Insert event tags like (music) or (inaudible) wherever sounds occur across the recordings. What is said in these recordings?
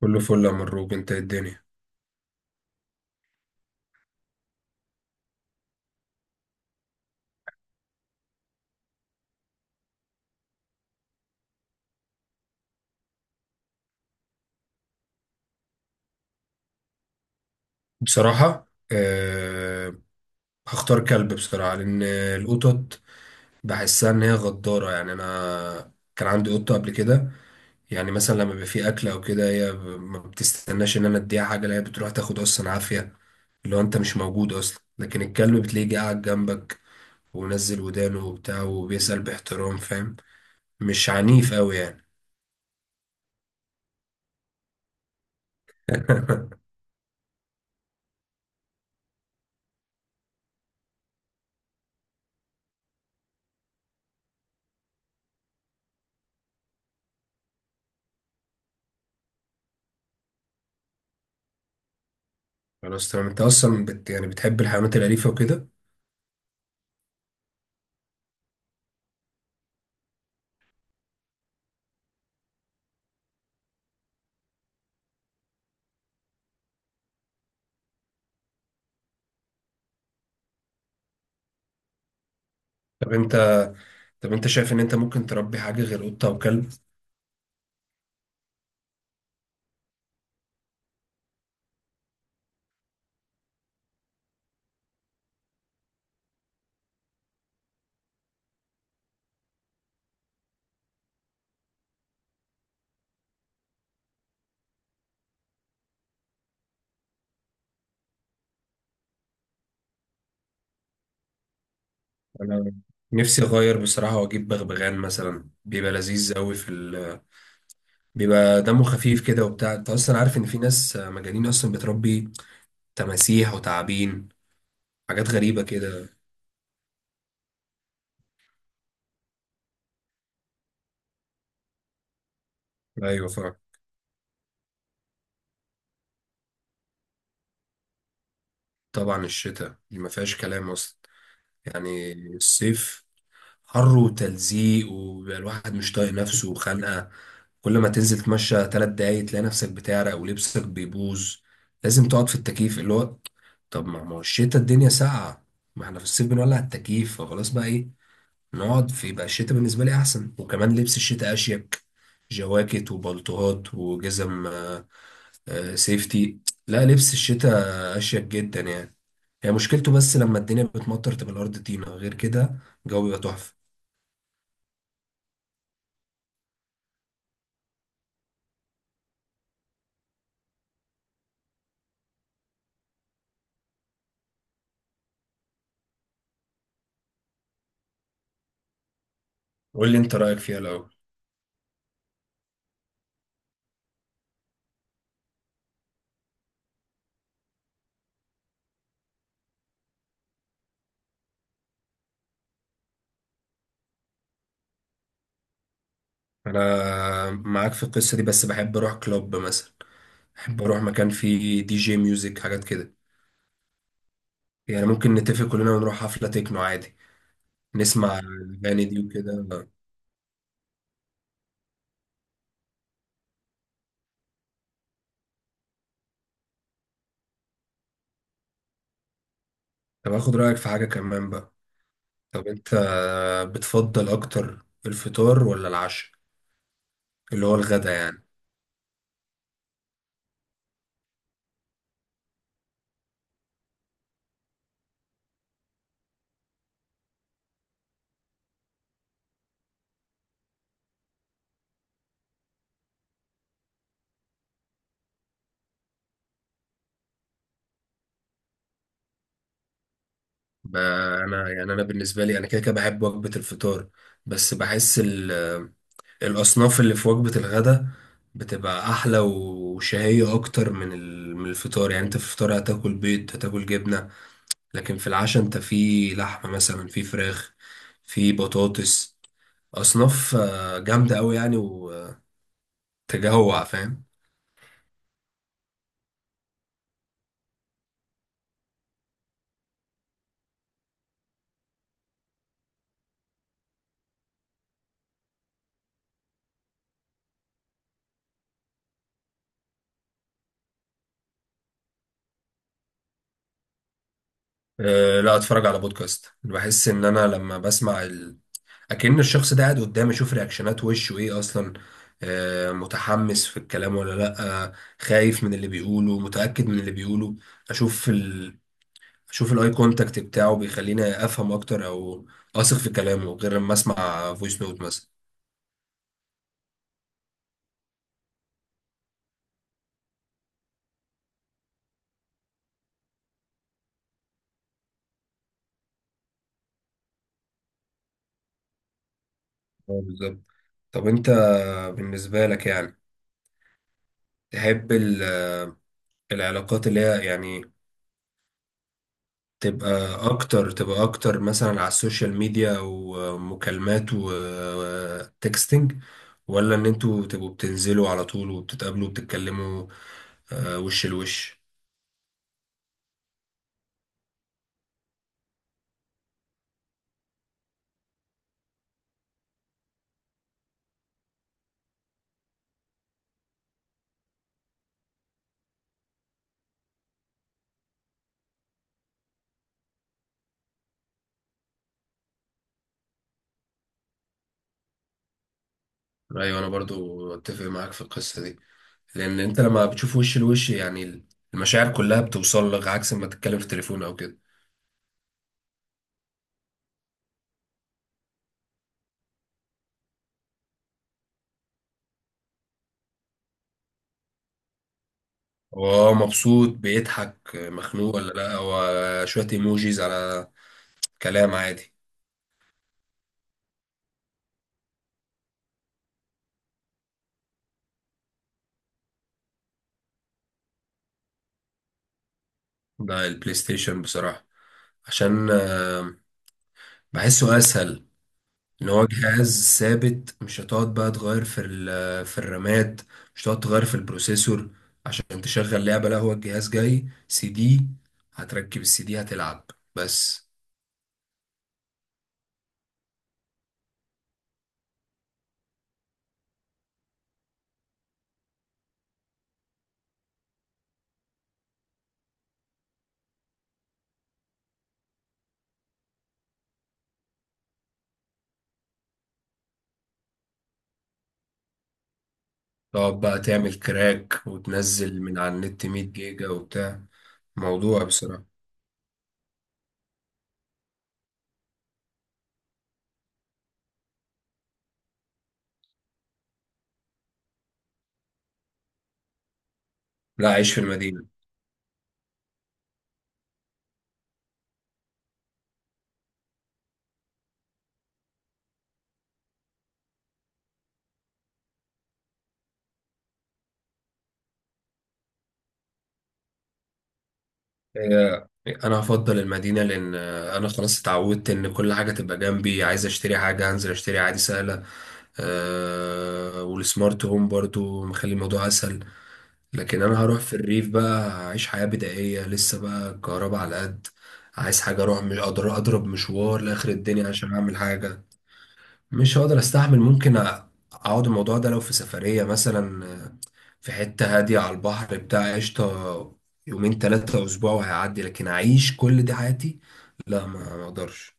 كله فل يا مروج، انت ايه الدنيا؟ بصراحة هختار كلب بصراحة، لأن القطط بحسها إن هي غدارة. يعني أنا كان عندي قطة قبل كده، يعني مثلا لما بيبقى في أكل أو كده هي ما بتستناش إن أنا أديها حاجة، لا هي بتروح تاخد أصلا عافية، اللي هو أنت مش موجود أصلا. لكن الكلب بتلاقيه قاعد جنبك ونزل ودانه وبتاع، وبيسأل باحترام، فاهم؟ مش عنيف أوي يعني. خلاص تمام، أنت أصلا يعني بتحب الحيوانات الأليفة وكده. طب أنت طب انت شايف ان انت ممكن تربي حاجة غير قطة وكلب؟ انا نفسي اغير بصراحة واجيب بغبغان مثلا، بيبقى لذيذ قوي في (laughs) بيبقى دمه خفيف كده وبتاع. انت اصلا عارف ان في ناس مجانين اصلا بتربي تماسيح وتعابين، حاجات غريبة كده. ايوه فعلا. طبعا الشتاء، دي ما فيهاش كلام اصلا. يعني الصيف حر وتلزيق، وبيبقى الواحد مش طايق نفسه وخانقة. كل ما تنزل تمشى 3 دقايق تلاقي نفسك بتعرق ولبسك بيبوظ، لازم تقعد في التكييف، اللي هو طب ما هو الشتا الدنيا ساقعة، ما احنا في الصيف بنولع التكييف فخلاص، بقى ايه نقعد في؟ يبقى الشتا بالنسبة لي أحسن، وكمان لبس الشتا أشيك، جواكت وبلطوهات وجزم، سيفتي. لا لبس الشتا أشيك جدا يعني. هي مشكلته بس لما الدنيا بتمطر تبقى الأرض طينة، غير كده الجو بيبقى تحفة. قول لي انت رأيك فيها الأول. انا معاك في القصة دي، بس بحب اروح كلوب مثلا، بحب اروح مكان فيه دي جي ميوزك، حاجات كده. يعني ممكن نتفق كلنا ونروح حفلة تكنو عادي، نسمع الاغاني دي وكده. طب اخد رأيك في حاجة كمان بقى. طب انت بتفضل اكتر الفطار ولا العشاء، اللي هو الغدا يعني؟ ب- انا بالنسبة لي انا كده كده بحب وجبة الفطار، بس بحس الأصناف اللي في وجبة الغداء بتبقى أحلى وشهية أكتر من من الفطار، يعني أنت في الفطار هتاكل بيض، هتاكل جبنة، لكن في العشاء أنت في لحمة مثلا، في فراخ، في بطاطس، أصناف جامدة أوي يعني، وتجوع، فاهم؟ أه لا، أتفرج على بودكاست، بحس إن أنا لما بسمع اكن الشخص ده قاعد قدامي، اشوف رياكشنات وشه ايه اصلا، متحمس في الكلام ولا لا، خايف من اللي بيقوله، متأكد من اللي بيقوله. اشوف اشوف الاي كونتاكت بتاعه، بيخليني افهم اكتر، او اثق في كلامه، غير لما اسمع فويس نوت مثلا. بالظبط. طب انت بالنسبة لك يعني، تحب العلاقات اللي هي يعني تبقى اكتر مثلا على السوشيال ميديا ومكالمات وتكستنج، ولا ان انتوا تبقوا بتنزلوا على طول وبتتقابلوا وبتتكلموا، وش لوش؟ ايوه انا برضو اتفق معاك في القصه دي، لان انت لما بتشوف وش لوش يعني المشاعر كلها بتوصل لك، عكس ما تتكلم في التليفون او كده. هو مبسوط، بيضحك، مخنوق ولا لا، هو شويه ايموجيز على كلام عادي. ده البلاي ستيشن بصراحه، عشان بحسه اسهل، ان هو جهاز ثابت، مش هتقعد بقى تغير في في الرامات، مش هتقعد تغير في البروسيسور عشان تشغل لعبة، لا هو الجهاز جاي سي دي، هتركب السي دي هتلعب بس. تقعد بقى تعمل كراك وتنزل من على النت 100 جيجا وبتاع، موضوع بصراحة. لا، عيش في المدينة. هي انا هفضل المدينه، لان انا خلاص اتعودت ان كل حاجه تبقى جنبي، عايز اشتري حاجه هنزل اشتري عادي، سهله. أه والسمارت هوم برضو مخلي الموضوع اسهل. لكن انا هروح في الريف بقى، هعيش حياه بدائيه، لسه بقى الكهرباء على قد عايز حاجه اروح، مش اقدر اضرب مشوار لاخر الدنيا عشان اعمل حاجه. مش هقدر استحمل. ممكن اقعد الموضوع ده لو في سفرية مثلا، في حتة هادية على البحر بتاع، قشطة، يومين 3 اسبوع وهيعدي، لكن اعيش كل دي حياتي لا، ما اقدرش.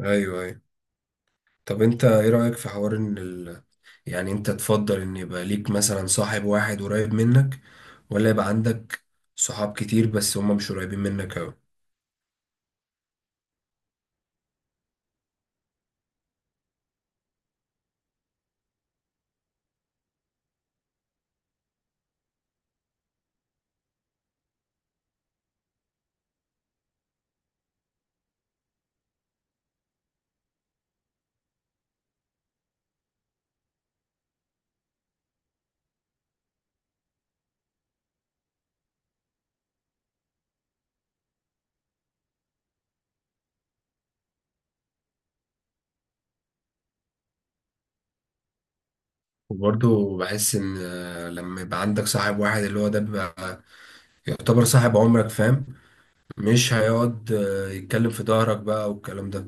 ايوه ايوه. طب انت ايه رأيك في حوار ان يعني انت تفضل ان يبقى ليك مثلا صاحب واحد قريب منك، ولا يبقى عندك صحاب كتير بس هما مش قريبين منك اوي؟ وبرضه بحس ان لما يبقى عندك صاحب واحد، اللي هو ده بيبقى يعتبر صاحب عمرك، فاهم؟ مش هيقعد يتكلم في ظهرك بقى والكلام ده.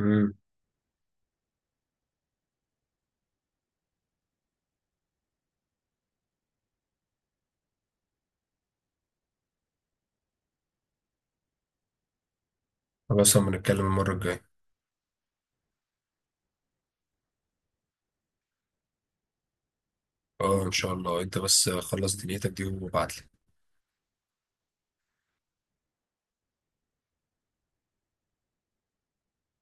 امم. خلاص اما نتكلم المرة الجاية. اه ان شاء الله، انت بس خلص دنيتك دي وابعتلي.